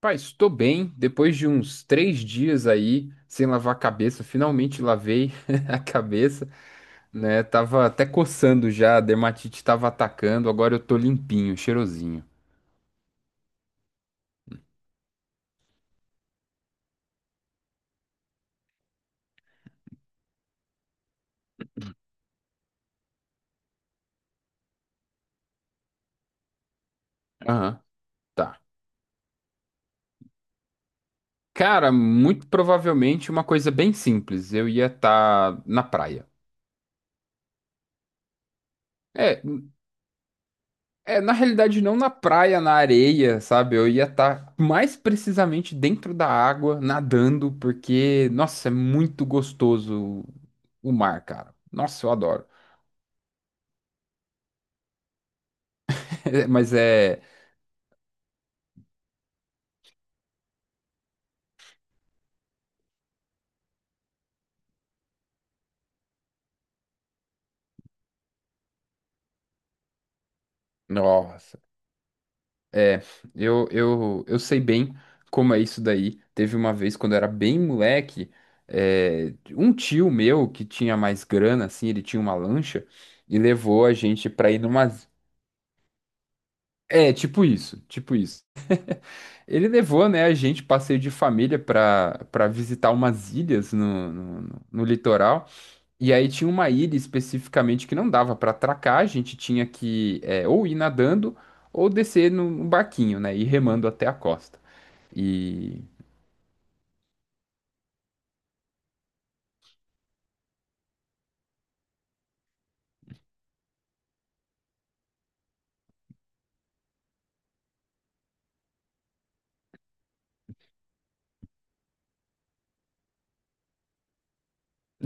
Pai, estou bem. Depois de uns três dias aí sem lavar a cabeça, finalmente lavei a cabeça, né? Tava até coçando já, a dermatite tava atacando, agora eu tô limpinho, cheirosinho. Aham, tá. Cara, muito provavelmente uma coisa bem simples. Eu ia estar na praia. É, é, na realidade, não na praia, na areia, sabe? Eu ia estar mais precisamente dentro da água, nadando, porque, nossa, é muito gostoso o mar, cara. Nossa, eu adoro. É, mas é. Nossa. É, eu sei bem como é isso daí. Teve uma vez, quando eu era bem moleque, um tio meu que tinha mais grana, assim, ele tinha uma lancha e levou a gente pra ir numas. É, tipo isso, tipo isso. Ele levou, né, a gente, passeio de família, para visitar umas ilhas no litoral. E aí tinha uma ilha especificamente que não dava para atracar, a gente tinha que é, ou ir nadando ou descer num barquinho, né, e ir remando até a costa. E.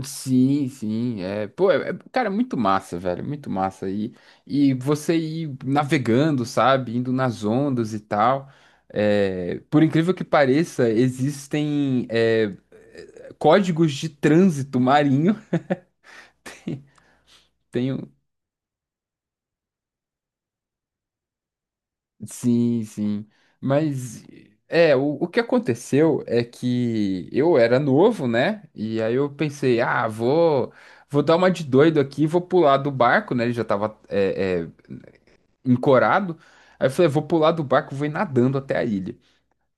Sim, sim, é, pô, é, é- cara, é muito massa, velho, muito massa, e você ir navegando, sabe, indo nas ondas e tal. É, por incrível que pareça, existem códigos de trânsito marinho. Tenho. Sim, sim. Mas é, o que aconteceu é que eu era novo, né? E aí eu pensei, ah, vou, vou dar uma de doido aqui, vou pular do barco, né? Ele já tava encorado. Aí eu falei, vou pular do barco, vou ir nadando até a ilha.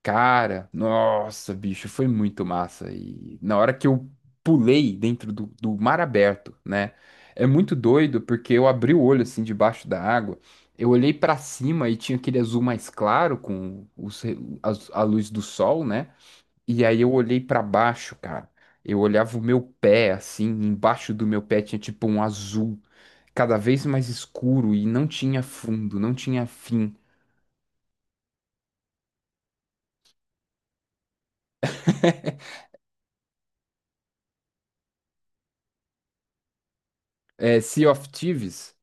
Cara, nossa, bicho, foi muito massa. E na hora que eu pulei dentro do mar aberto, né? É muito doido porque eu abri o olho assim debaixo da água. Eu olhei pra cima e tinha aquele azul mais claro com os, re- as- a, luz do sol, né? E aí eu olhei pra baixo, cara. Eu olhava o meu pé assim, embaixo do meu pé tinha tipo um azul cada vez mais escuro e não tinha fundo, não tinha fim. É Sea of Thieves.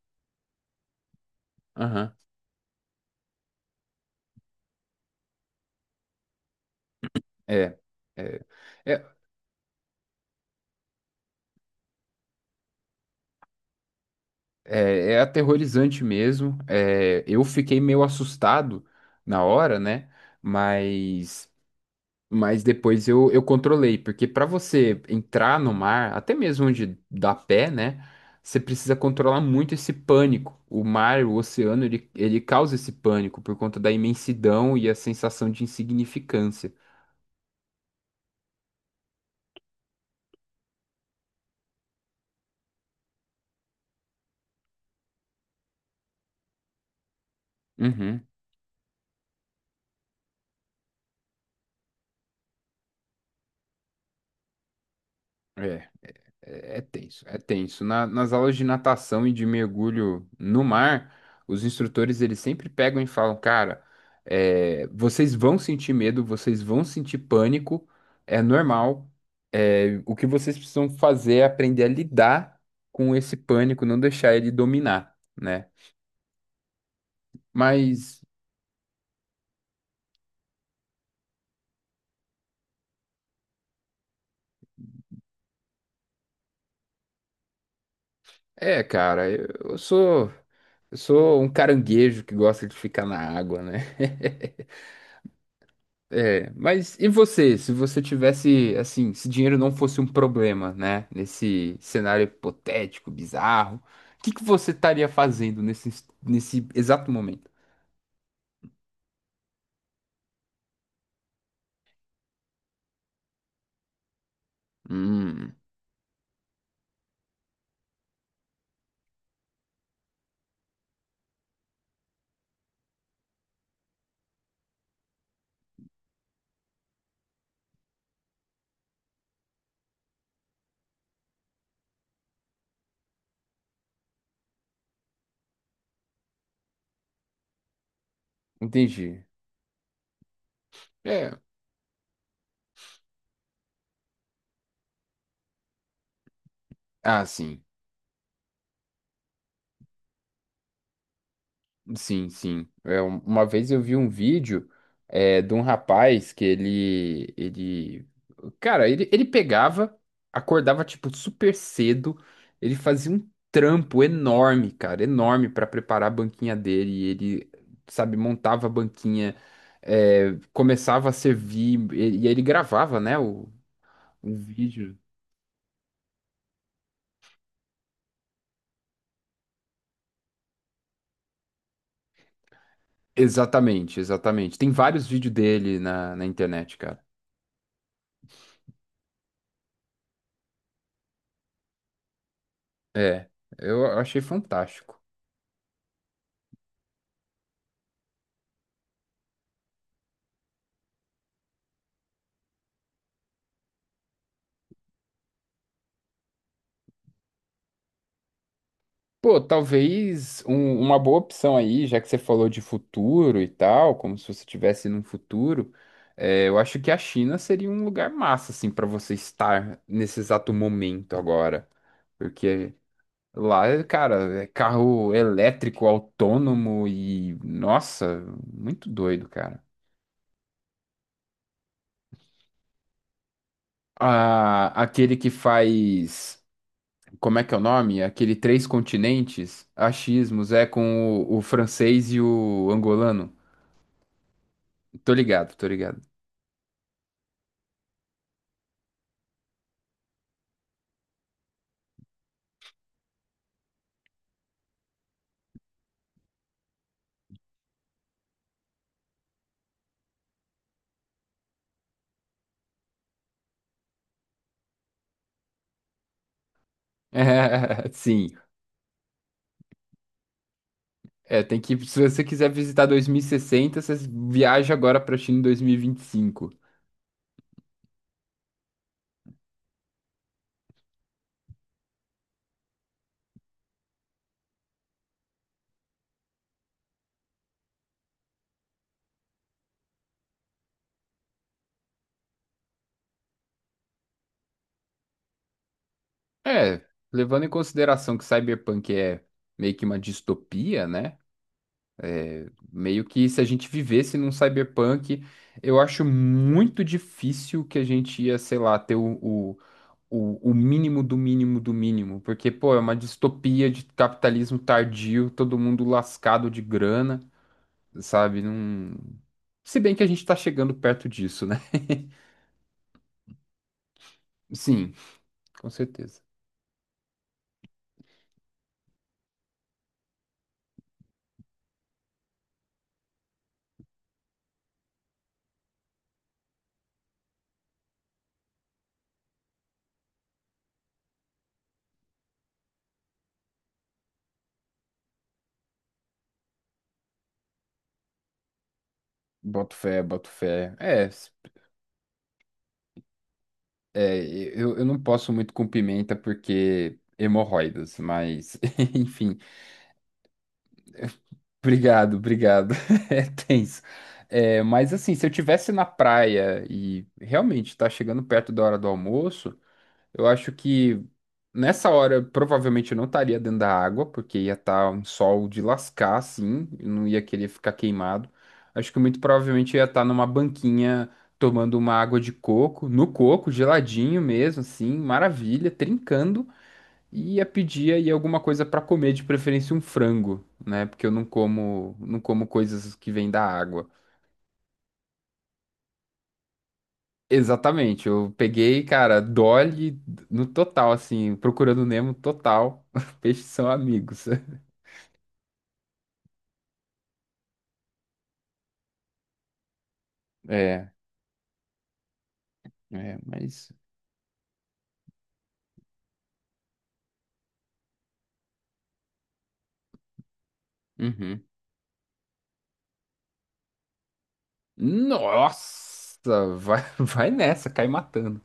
É, é, é, é, é aterrorizante mesmo. É, eu fiquei meio assustado na hora, né? Mas, mas depois eu controlei, porque para você entrar no mar, até mesmo onde dá pé, né? Você precisa controlar muito esse pânico. O mar, o oceano, ele causa esse pânico por conta da imensidão e a sensação de insignificância. Uhum. É. É é tenso, é tenso. Na- nas aulas de natação e de mergulho no mar, os instrutores eles sempre pegam e falam, cara, vocês vão sentir medo, vocês vão sentir pânico, é normal. É, o que vocês precisam fazer é aprender a lidar com esse pânico, não deixar ele dominar, né? Mas é, cara, eu sou um caranguejo que gosta de ficar na água, né? É, mas e você, se você tivesse, assim, se dinheiro não fosse um problema, né, nesse cenário hipotético, bizarro, o que que você estaria fazendo nesse, nesse exato momento? Hum, entendi. É, ah, sim. Sim, sim. É, um- uma vez eu vi um vídeo de um rapaz que ele, cara, ele pegava, acordava tipo super cedo, ele fazia um trampo enorme, cara, enorme pra preparar a banquinha dele. E ele, sabe, montava a banquinha, começava a servir e aí ele gravava, né, o vídeo. Exatamente, exatamente. Tem vários vídeos dele na internet, cara. É, eu achei fantástico. Pô, talvez um- uma boa opção aí, já que você falou de futuro e tal, como se você estivesse num futuro, é, eu acho que a China seria um lugar massa, assim, para você estar nesse exato momento agora. Porque lá, é, cara, é carro elétrico, autônomo e, nossa, muito doido, cara. Ah, aquele que faz. Como é que é o nome? Aquele Três Continentes, achismos, é com o francês e o angolano. Tô ligado, tô ligado. Sim. É, tem que, se você quiser visitar 2060, você viaja agora pra China em 2025. É, levando em consideração que Cyberpunk é meio que uma distopia, né? Meio que se a gente vivesse num Cyberpunk, eu acho muito difícil que a gente ia, sei lá, ter o mínimo do mínimo do mínimo. Porque, pô, é uma distopia de capitalismo tardio, todo mundo lascado de grana. Sabe? Não... Se bem que a gente tá chegando perto disso, né? Sim, com certeza. Boto fé, boto fé. É, s- é eu não posso muito com pimenta porque hemorroidas, mas enfim. Obrigado, obrigado. É tenso. É, mas assim, se eu tivesse na praia e realmente tá chegando perto da hora do almoço. Eu acho que nessa hora provavelmente eu não estaria dentro da água, porque ia estar um sol de lascar, assim, eu não ia querer ficar queimado. Acho que muito provavelmente eu ia estar numa banquinha tomando uma água de coco, no coco, geladinho mesmo, assim, maravilha, trincando, e ia pedir aí alguma coisa para comer, de preferência um frango, né? Porque eu não como, não como coisas que vêm da água. Exatamente, eu peguei, cara, Dolly no total, assim, procurando Nemo total. Peixes são amigos. É, é, mas. Uhum. Nossa! Vai, vai nessa, cai matando.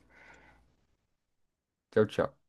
Tchau, tchau.